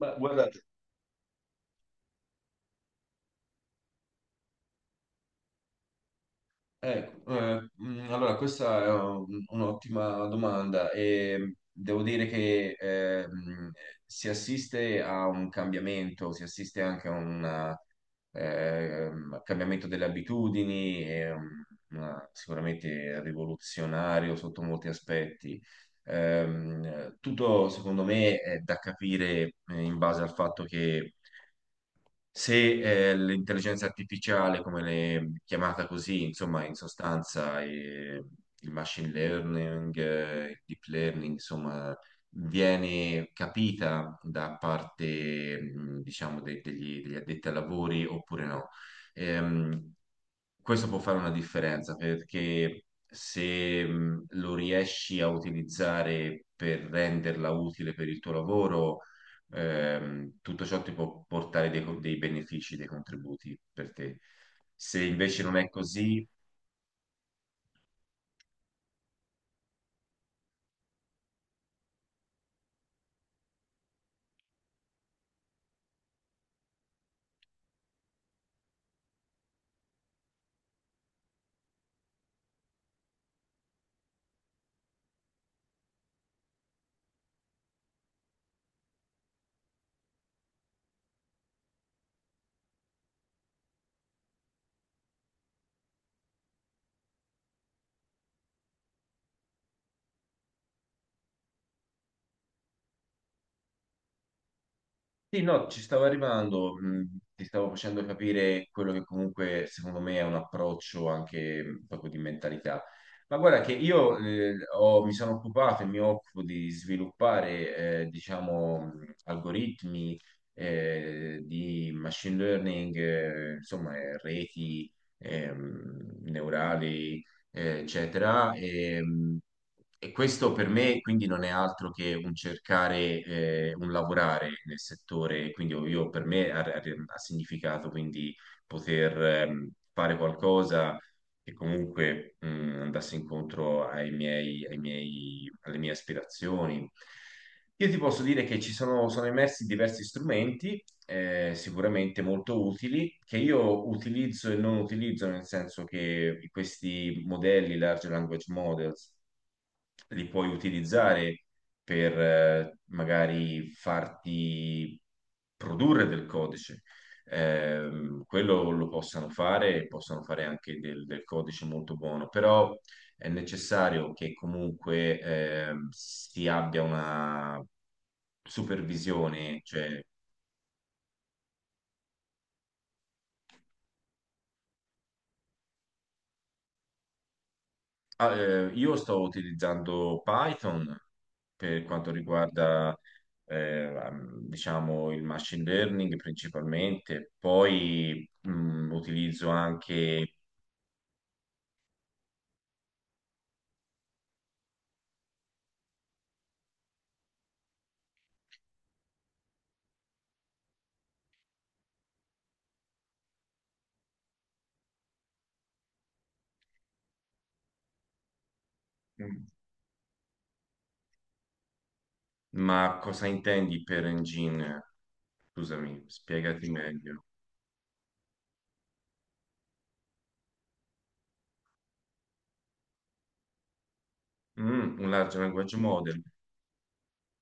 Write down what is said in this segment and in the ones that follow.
Beh, guardate, ecco, allora questa è un'ottima domanda e devo dire che si assiste a un cambiamento, si assiste anche a un cambiamento delle abitudini, e, sicuramente rivoluzionario sotto molti aspetti. Tutto secondo me è da capire in base al fatto che se l'intelligenza artificiale, come l'è chiamata così, insomma, in sostanza il machine learning, il deep learning, insomma, viene capita da parte, diciamo, degli addetti ai lavori oppure no. Ehm, Questo può fare una differenza perché se lo riesci a utilizzare per renderla utile per il tuo lavoro, tutto ciò ti può portare dei benefici, dei contributi per te. Se invece non è così, sì, no, ci stavo arrivando, ti stavo facendo capire quello che comunque secondo me è un approccio anche proprio di mentalità. Ma guarda che io mi sono occupato e mi occupo di sviluppare, diciamo, algoritmi di machine learning, insomma, reti neurali, eccetera. E questo per me quindi non è altro che un cercare, un lavorare nel settore, quindi io, per me ha significato quindi poter fare qualcosa che comunque andasse incontro ai miei, alle mie aspirazioni. Io ti posso dire che sono emersi diversi strumenti sicuramente molto utili, che io utilizzo e non utilizzo, nel senso che questi modelli, large language models, li puoi utilizzare per magari farti produrre del codice. Quello lo possano fare, possono fare anche del codice molto buono, però è necessario che comunque si abbia una supervisione, cioè. Ah, io sto utilizzando Python per quanto riguarda, eh, diciamo, il machine learning principalmente, poi utilizzo anche... Mm, ma cosa intendi per engine? Scusami, spiegati meglio. Mm, un large language model.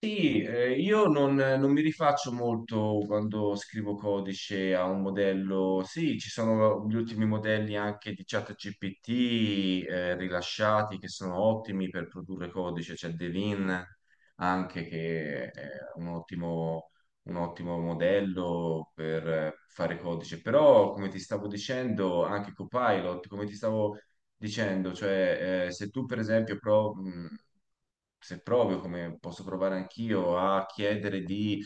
Sì, io non mi rifaccio molto quando scrivo codice a un modello. Sì, ci sono gli ultimi modelli anche di ChatGPT rilasciati che sono ottimi per produrre codice. C'è Devin anche che è un ottimo, un ottimo modello per fare codice. Però, come ti stavo dicendo, anche Copilot, come ti stavo dicendo, cioè se tu per esempio se provi, come posso provare anch'io, a chiedere di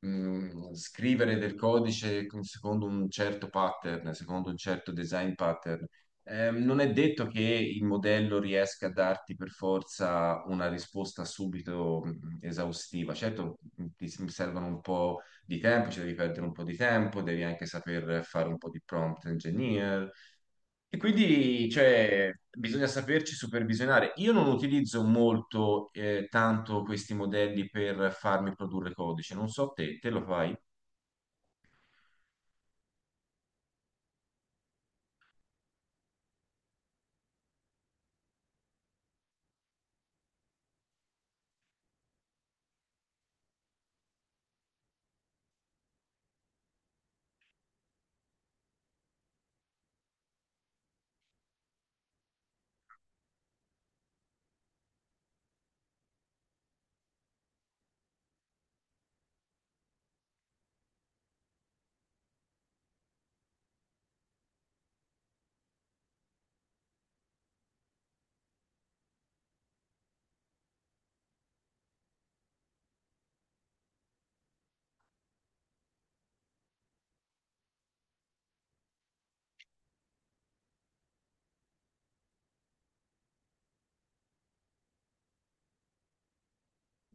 scrivere del codice secondo un certo pattern, secondo un certo design pattern, non è detto che il modello riesca a darti per forza una risposta subito esaustiva. Certo, ti servono un po' di tempo, ci devi perdere un po' di tempo, devi anche saper fare un po' di prompt engineer, e quindi cioè, bisogna saperci supervisionare. Io non utilizzo molto tanto questi modelli per farmi produrre codice, non so te, te lo fai?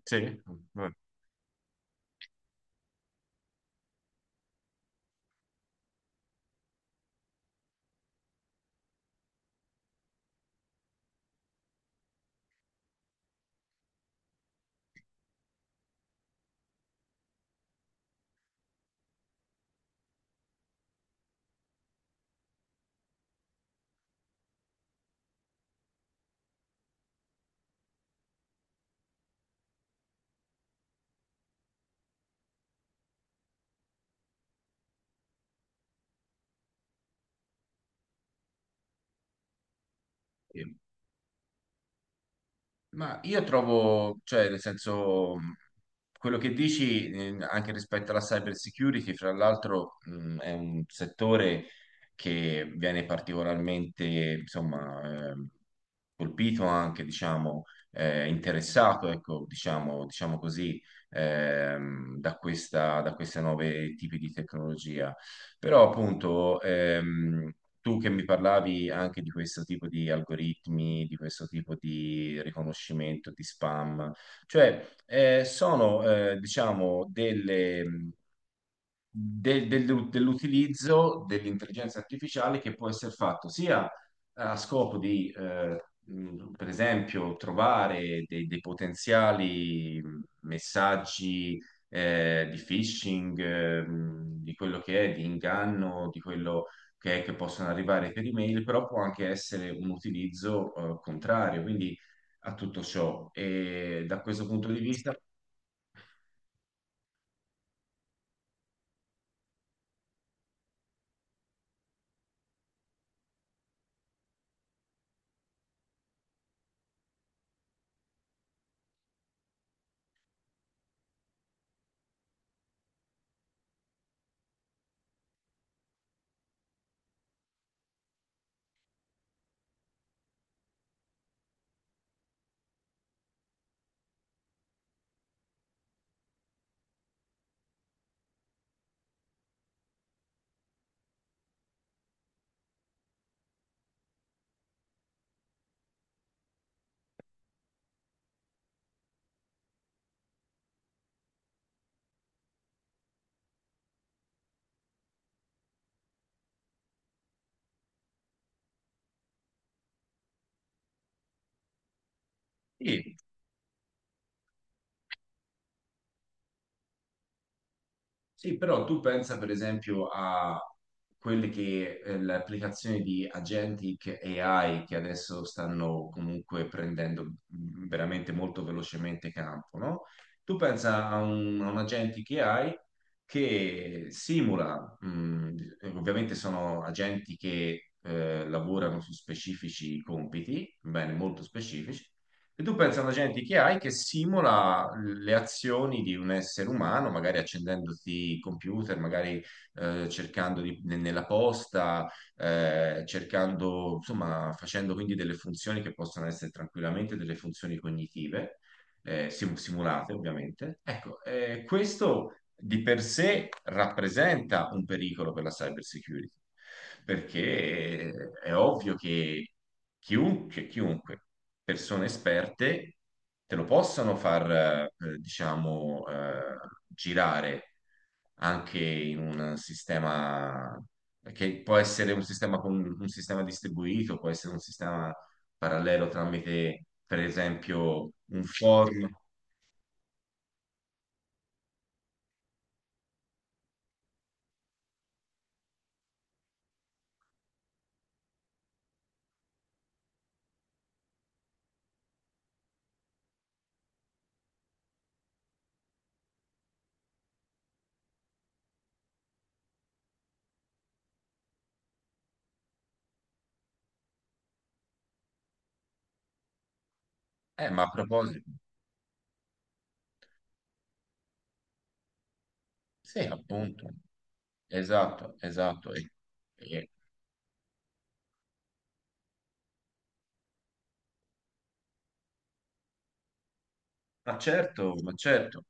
Sì, vabbè. Ma io trovo, cioè, nel senso, quello che dici, anche rispetto alla cyber security, fra l'altro, è un settore che viene particolarmente, insomma, colpito anche, diciamo, interessato, ecco, diciamo, diciamo così, da questa, da queste nuove tipi di tecnologia. Però, appunto, tu che mi parlavi anche di questo tipo di algoritmi, di questo tipo di riconoscimento di spam, cioè sono diciamo delle, dell'utilizzo dell'intelligenza artificiale che può essere fatto sia a scopo di, per esempio, trovare dei potenziali messaggi di phishing, di quello che è, di inganno, di quello, ok, che possono arrivare per email, però può anche essere un utilizzo contrario, quindi a tutto ciò. E da questo punto di vista, sì, sì, però tu pensa per esempio a quelle che le applicazioni di agentic AI che adesso stanno comunque prendendo veramente molto velocemente campo, no? Tu pensa a a un agentic AI che simula, ovviamente sono agenti che lavorano su specifici compiti, bene, molto specifici, e tu pensi alla gente che hai che simula le azioni di un essere umano, magari accendendoti il computer, magari cercando nella posta, cercando, insomma, facendo quindi delle funzioni che possono essere tranquillamente delle funzioni cognitive simulate ovviamente. Ecco, questo di per sé rappresenta un pericolo per la cyber security, perché è ovvio che chiunque, persone esperte, te lo possano far, diciamo, girare anche in un sistema che può essere un sistema, un sistema distribuito, può essere un sistema parallelo tramite, per esempio, un forum. Ma a proposito, sì, appunto, esatto, esatto. E- ma certo, ma certo.